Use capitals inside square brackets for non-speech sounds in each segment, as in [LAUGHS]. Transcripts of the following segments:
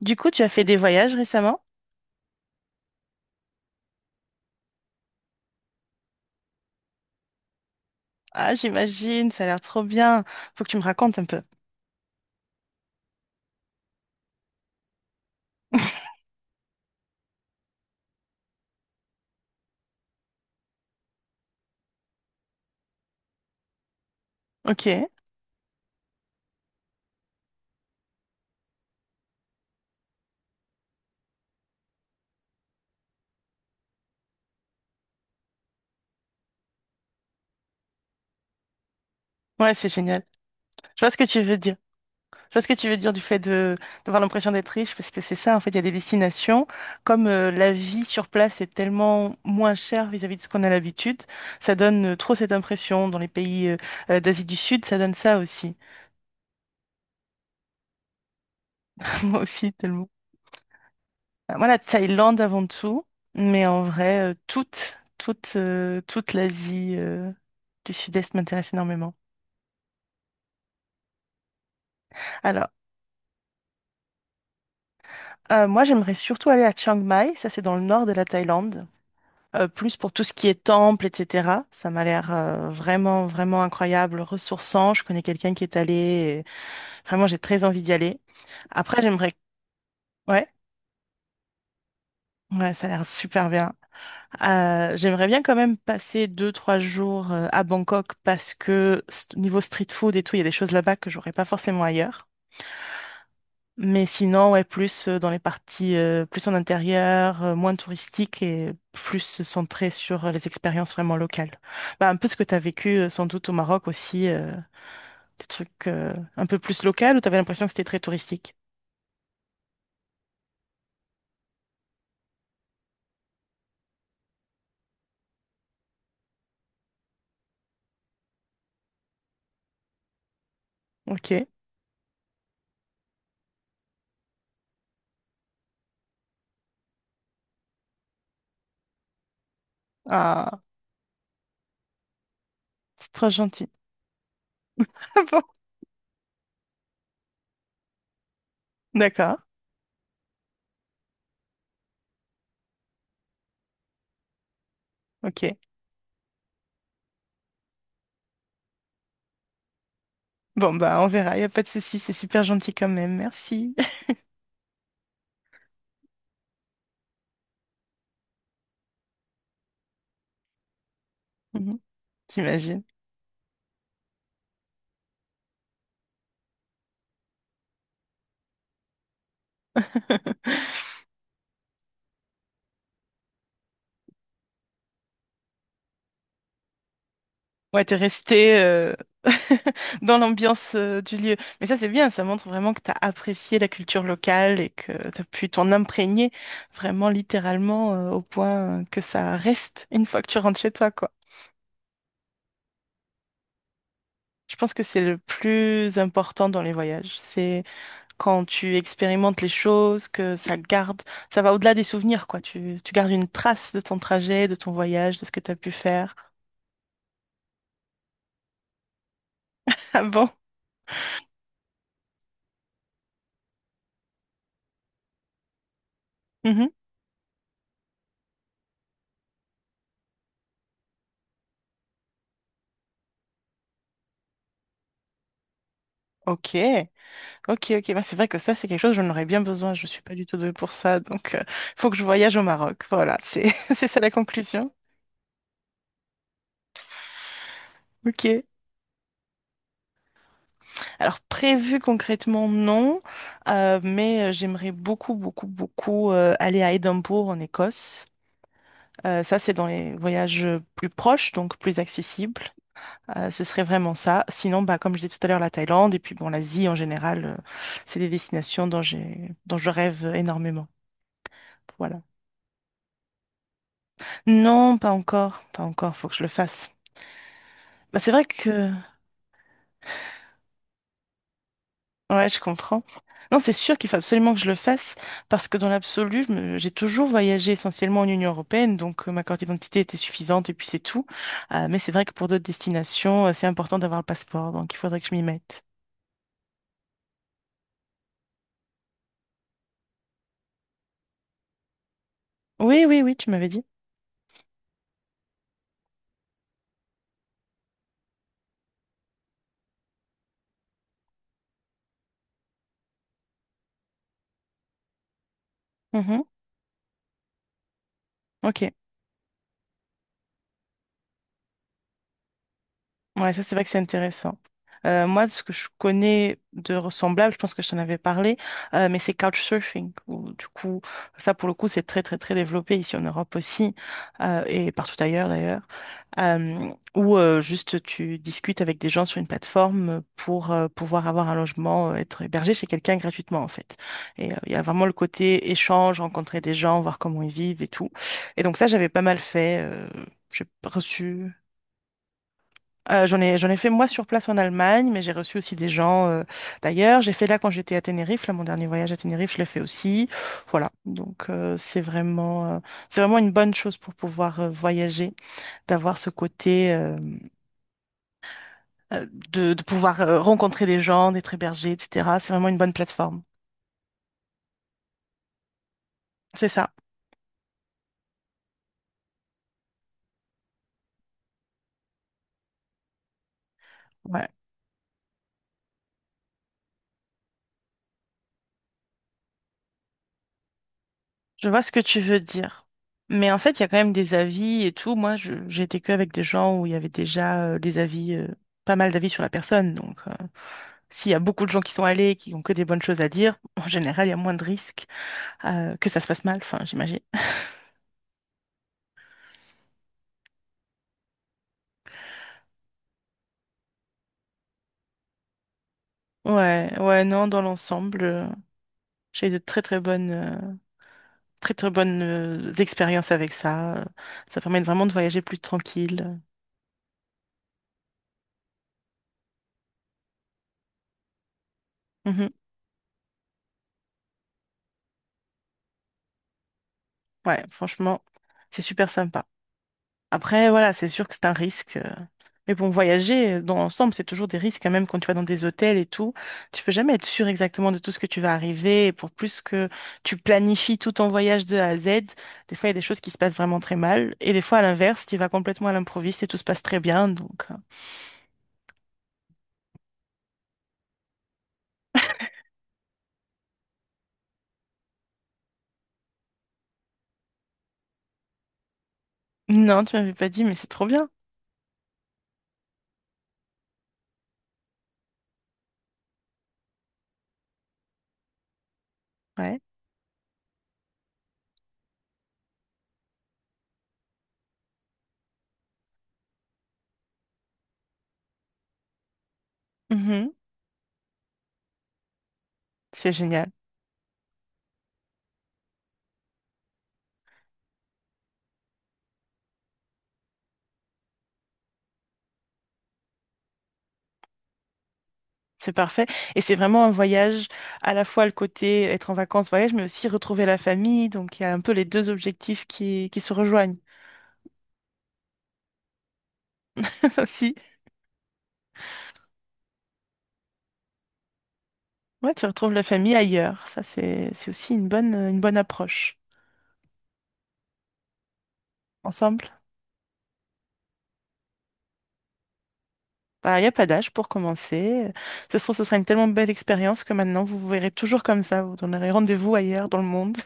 Du coup, tu as fait des voyages récemment? Ah, j'imagine, ça a l'air trop bien. Faut que tu me racontes un peu. Ok. Ouais, c'est génial. Je vois ce que tu veux dire. Je vois ce que tu veux dire du fait de d'avoir l'impression d'être riche, parce que c'est ça, en fait, il y a des destinations. Comme la vie sur place est tellement moins chère vis-à-vis de ce qu'on a l'habitude, ça donne trop cette impression. Dans les pays d'Asie du Sud, ça donne ça aussi. [LAUGHS] Moi aussi, tellement. Moi, la Thaïlande avant tout, mais en vrai, toute l'Asie du Sud-Est m'intéresse énormément. Alors, moi, j'aimerais surtout aller à Chiang Mai, ça c'est dans le nord de la Thaïlande, plus pour tout ce qui est temple, etc. Ça m'a l'air vraiment incroyable, ressourçant. Je connais quelqu'un qui est allé, et vraiment, j'ai très envie d'y aller. Après, j'aimerais... Ouais, ouais, ça a l'air super bien. J'aimerais bien quand même passer deux, trois jours à Bangkok parce que niveau street food et tout, il y a des choses là-bas que j'aurais pas forcément ailleurs. Mais sinon, ouais, plus dans les parties, plus en intérieur, moins touristique et plus centré sur les expériences vraiment locales. Bah, un peu ce que tu as vécu sans doute au Maroc aussi, des trucs un peu plus locaux où tu avais l'impression que c'était très touristique. Ok. Ah, c'est trop gentil. [LAUGHS] Ah bon? D'accord. Ok. Bon, bah, on verra, il n'y a pas de souci, c'est super gentil quand même, merci. [LAUGHS] Mhm. J'imagine. [LAUGHS] Ouais, t'es resté [LAUGHS] dans l'ambiance du lieu. Mais ça, c'est bien, ça montre vraiment que t'as apprécié la culture locale et que t'as pu t'en imprégner vraiment littéralement au point que ça reste une fois que tu rentres chez toi, quoi. Je pense que c'est le plus important dans les voyages. C'est quand tu expérimentes les choses, que ça garde, ça va au-delà des souvenirs, quoi. Tu gardes une trace de ton trajet, de ton voyage, de ce que tu as pu faire. [LAUGHS] Ah bon? Mhm. Ok, ok. Bah, c'est vrai que ça, c'est quelque chose, j'en aurais bien besoin. Je suis pas du tout douée pour ça, donc il faut que je voyage au Maroc. Voilà, c'est [LAUGHS] c'est ça la conclusion. Ok. Alors prévu concrètement, non. J'aimerais beaucoup aller à Édimbourg en Écosse. Ça, c'est dans les voyages plus proches, donc plus accessibles. Ce serait vraiment ça. Sinon, bah, comme je disais tout à l'heure, la Thaïlande et puis bon, l'Asie en général, c'est des destinations dont je rêve énormément. Voilà. Non, pas encore. Faut que je le fasse. Bah, c'est vrai que, ouais, je comprends. Non, c'est sûr qu'il faut absolument que je le fasse parce que dans l'absolu, j'ai toujours voyagé essentiellement en Union européenne, donc ma carte d'identité était suffisante et puis c'est tout. Mais c'est vrai que pour d'autres destinations, c'est important d'avoir le passeport, donc il faudrait que je m'y mette. Oui, tu m'avais dit. Mhm. Ok. Ouais, ça c'est vrai que c'est intéressant. Moi, ce que je connais de ressemblable, je pense que je t'en avais parlé, mais c'est couchsurfing, où, du coup, ça pour le coup, c'est très développé ici en Europe aussi et partout ailleurs d'ailleurs, où juste tu discutes avec des gens sur une plateforme pour pouvoir avoir un logement, être hébergé chez quelqu'un gratuitement en fait. Et il y a vraiment le côté échange, rencontrer des gens, voir comment ils vivent et tout. Et donc ça, j'avais pas mal fait. J'ai reçu j'en ai fait moi sur place en Allemagne, mais j'ai reçu aussi des gens d'ailleurs. J'ai fait là quand j'étais à Tenerife, là mon dernier voyage à Tenerife, je l'ai fait aussi. Voilà, donc c'est vraiment une bonne chose pour pouvoir voyager, d'avoir ce côté euh, de pouvoir rencontrer des gens, d'être hébergé, etc. C'est vraiment une bonne plateforme. C'est ça, ouais. Je vois ce que tu veux dire. Mais en fait, il y a quand même des avis et tout. Moi, j'ai été que avec des gens où il y avait déjà des avis, pas mal d'avis sur la personne, donc. S'il y a beaucoup de gens qui sont allés et qui ont que des bonnes choses à dire, en général, il y a moins de risques que ça se passe mal, enfin, j'imagine. Ouais, non, dans l'ensemble, j'ai eu de très très bonnes expériences avec ça. Ça permet vraiment de voyager plus tranquille. Mhm. Ouais, franchement, c'est super sympa. Après, voilà, c'est sûr que c'est un risque. Mais bon, voyager dans l'ensemble, c'est toujours des risques quand même quand tu vas dans des hôtels et tout. Tu peux jamais être sûr exactement de tout ce que tu vas arriver. Et pour plus que tu planifies tout ton voyage de A à Z, des fois, il y a des choses qui se passent vraiment très mal. Et des fois, à l'inverse, tu y vas complètement à l'improviste et tout se passe très bien. Donc, non, tu m'avais pas dit, mais c'est trop bien. Ouais. Mhm. C'est génial. C'est parfait. Et c'est vraiment un voyage, à la fois le côté être en vacances, voyage, mais aussi retrouver la famille. Donc, il y a un peu les deux objectifs qui se rejoignent [LAUGHS] aussi. Ouais, tu retrouves la famille ailleurs. Ça, c'est aussi une bonne approche. Ensemble. Bah, il n'y a pas d'âge pour commencer. Ça se trouve, ce sera une tellement belle expérience que maintenant, vous vous verrez toujours comme ça. Vous donnerez rendez-vous ailleurs dans le monde,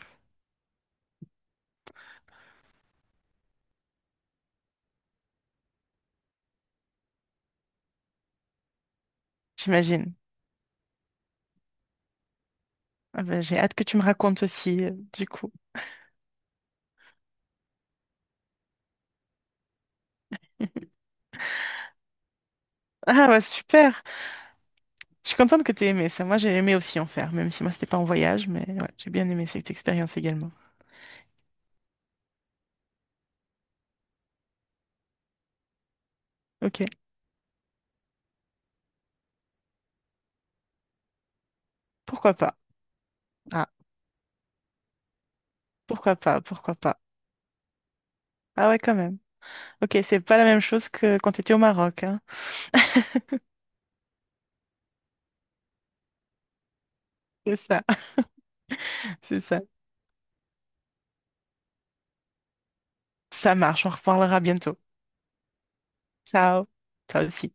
[LAUGHS] j'imagine. Ah bah, j'ai hâte que tu me racontes aussi, du coup. Ah, bah, super. Je suis contente que tu aies aimé ça. Moi, j'ai aimé aussi en faire, même si moi, c'était pas en voyage, mais ouais, j'ai bien aimé cette expérience également. Ok. Pourquoi pas? Ah, pourquoi pas? Pourquoi pas? Ah ouais, quand même. Ok, c'est pas la même chose que quand tu étais au Maroc, hein. C'est ça. C'est ça. Ça marche, on reparlera bientôt. Ciao. Toi aussi.